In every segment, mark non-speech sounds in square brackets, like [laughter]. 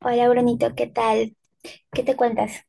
Hola, Brunito, ¿qué tal? ¿Qué te cuentas?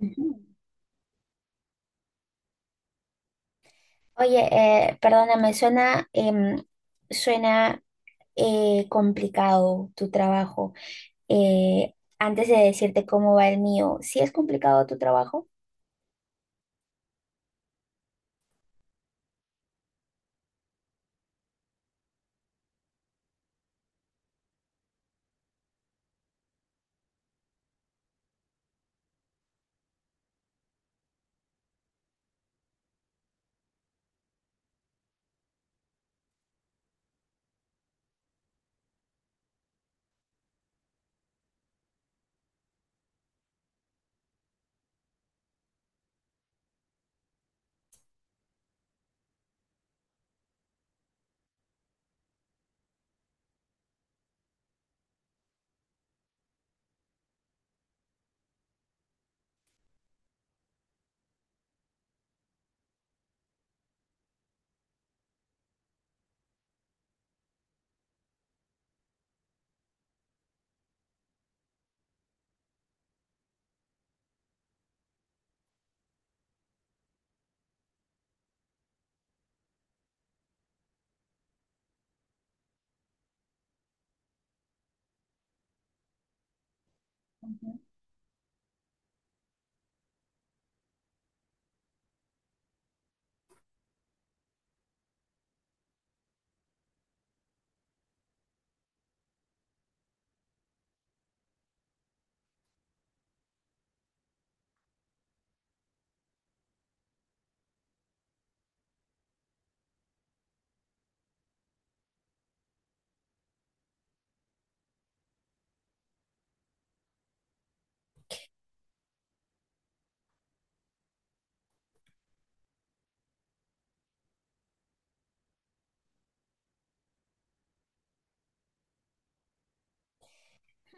Ujú. Oye, perdóname, suena complicado tu trabajo. Antes de decirte cómo va el mío, ¿sí es complicado tu trabajo? Ujú.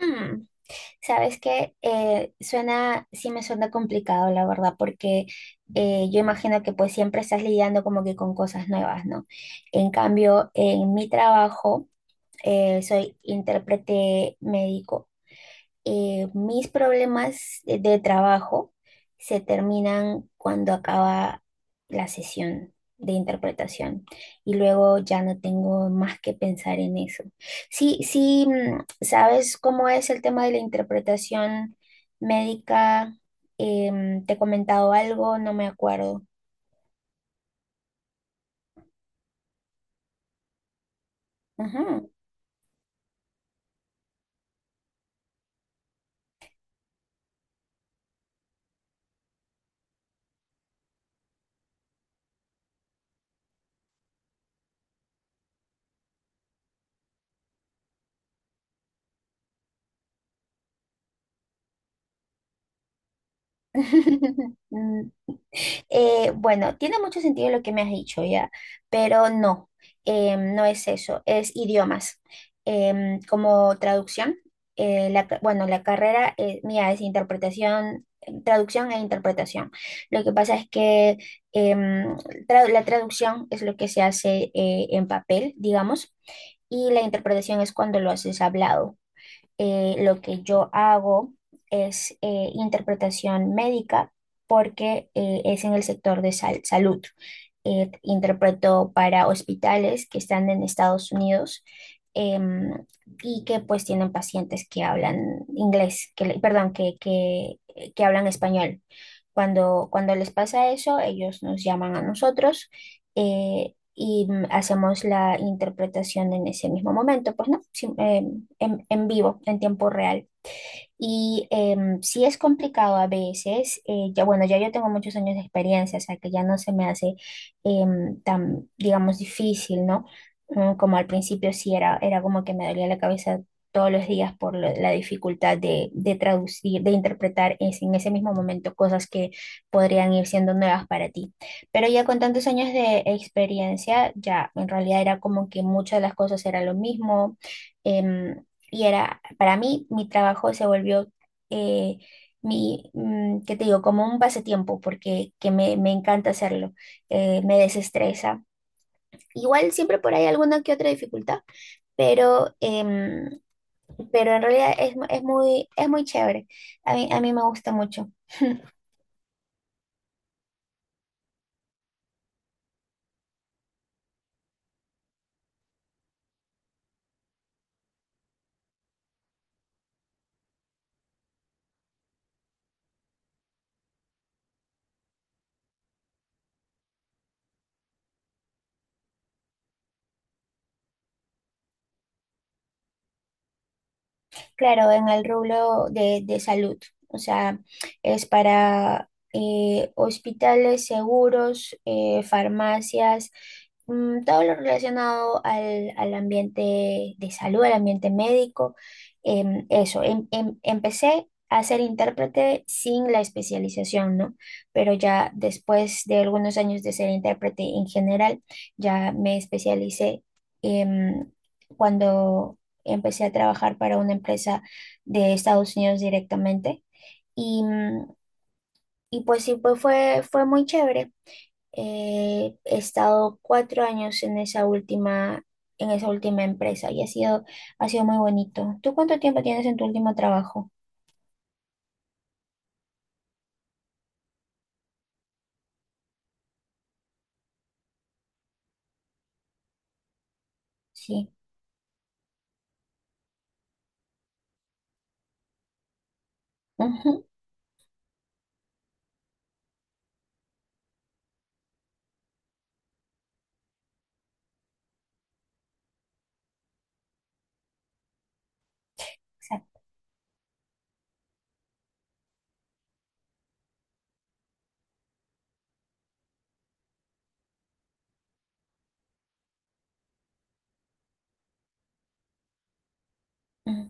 Hmm, ¿sabes qué? Suena, sí me suena complicado, la verdad, porque yo imagino que pues siempre estás lidiando como que con cosas nuevas, ¿no? En cambio, en mi trabajo, soy intérprete médico. Mis problemas de trabajo se terminan cuando acaba la sesión de interpretación, y luego ya no tengo más que pensar en eso. Sí, sí, mm, ¿sabes cómo es el tema de la interpretación médica? Te he comentado algo, no me acuerdo. Ujú. [laughs] Mm, bueno, tiene mucho sentido lo que me has dicho ya, pero no, no es eso, es idiomas. Como traducción, bueno, la carrera mía es interpretación, traducción e interpretación. Lo que pasa es que em, la traducción es lo que se hace en papel, digamos, y la interpretación es cuando lo haces hablado. Lo que yo hago es interpretación médica porque es en el sector de salud. Interpreto para hospitales que están en Estados Unidos, em, y que pues tienen pacientes que hablan inglés, perdón, que hablan español. Cuando les pasa eso, ellos nos llaman a nosotros y mm, hacemos la interpretación en ese mismo momento, pues no. Sí, en vivo, en tiempo real. Y sí es complicado a veces. Ya bueno, ya yo tengo muchos años de experiencia, o sea que ya no se me hace tan, digamos, difícil, ¿no? Mm, como al principio sí era, era como que me dolía la cabeza todos los días por la dificultad de traducir, de interpretar en ese mismo momento cosas que podrían ir siendo nuevas para ti. Pero ya con tantos años de experiencia, ya en realidad era como que muchas de las cosas era lo mismo. em, y era, para mí, mi trabajo se volvió, eh, ¿qué te digo? Como un pasatiempo, porque me encanta hacerlo. Me desestresa. Igual siempre por ahí alguna que otra dificultad, pero, pero en realidad es, es muy chévere. A mí me gusta mucho. Claro, en el rubro de salud, o sea, es para hospitales, seguros, farmacias, mm, todo lo relacionado al, al ambiente de salud, al ambiente médico. Eso, empecé a ser intérprete sin la especialización, ¿no? Pero ya después de algunos años de ser intérprete en general, ya me especialicé. em, Cuando empecé a trabajar para una empresa de Estados Unidos directamente y, mm, y pues sí, pues fue, fue muy chévere. He estado cuatro años en esa última empresa y ha sido muy bonito. ¿Tú cuánto tiempo tienes en tu último trabajo? Sí. Ujú, exacto. Ujú.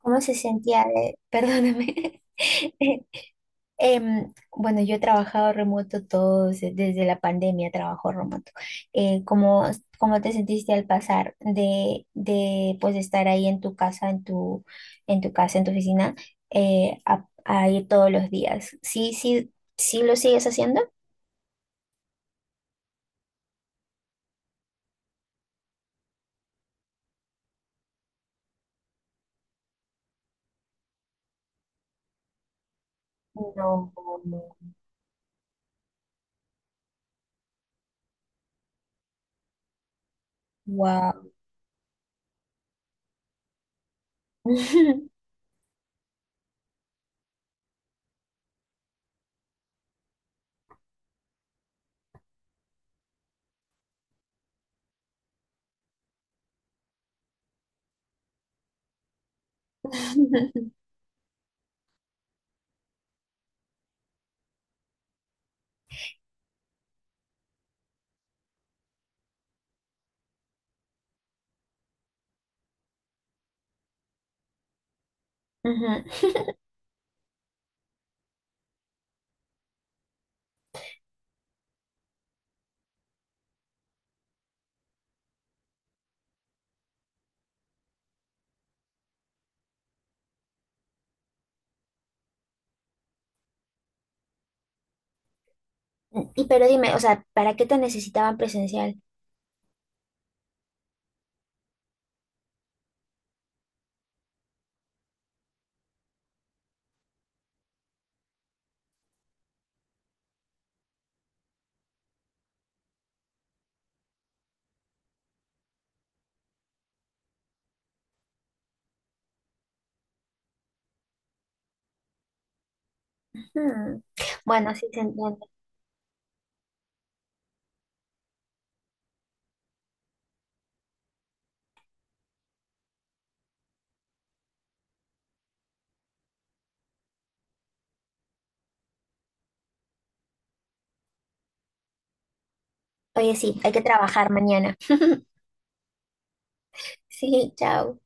¿Cómo se sentía de, [laughs] perdóname, [laughs] bueno, yo he trabajado remoto todo, desde la pandemia trabajo remoto. ¿Cómo, cómo te sentiste al pasar de pues estar ahí en tu casa, en tu casa, en tu oficina, a ir todos los días? ¿Sí, sí, sí lo sigues haciendo? No, no. Wow. [laughs] Ujú. Y pero dime, o sea, ¿para qué te necesitaban presencial? Hmm. Bueno, sí se entiende. Oye, sí, hay que trabajar mañana. Sí, chao.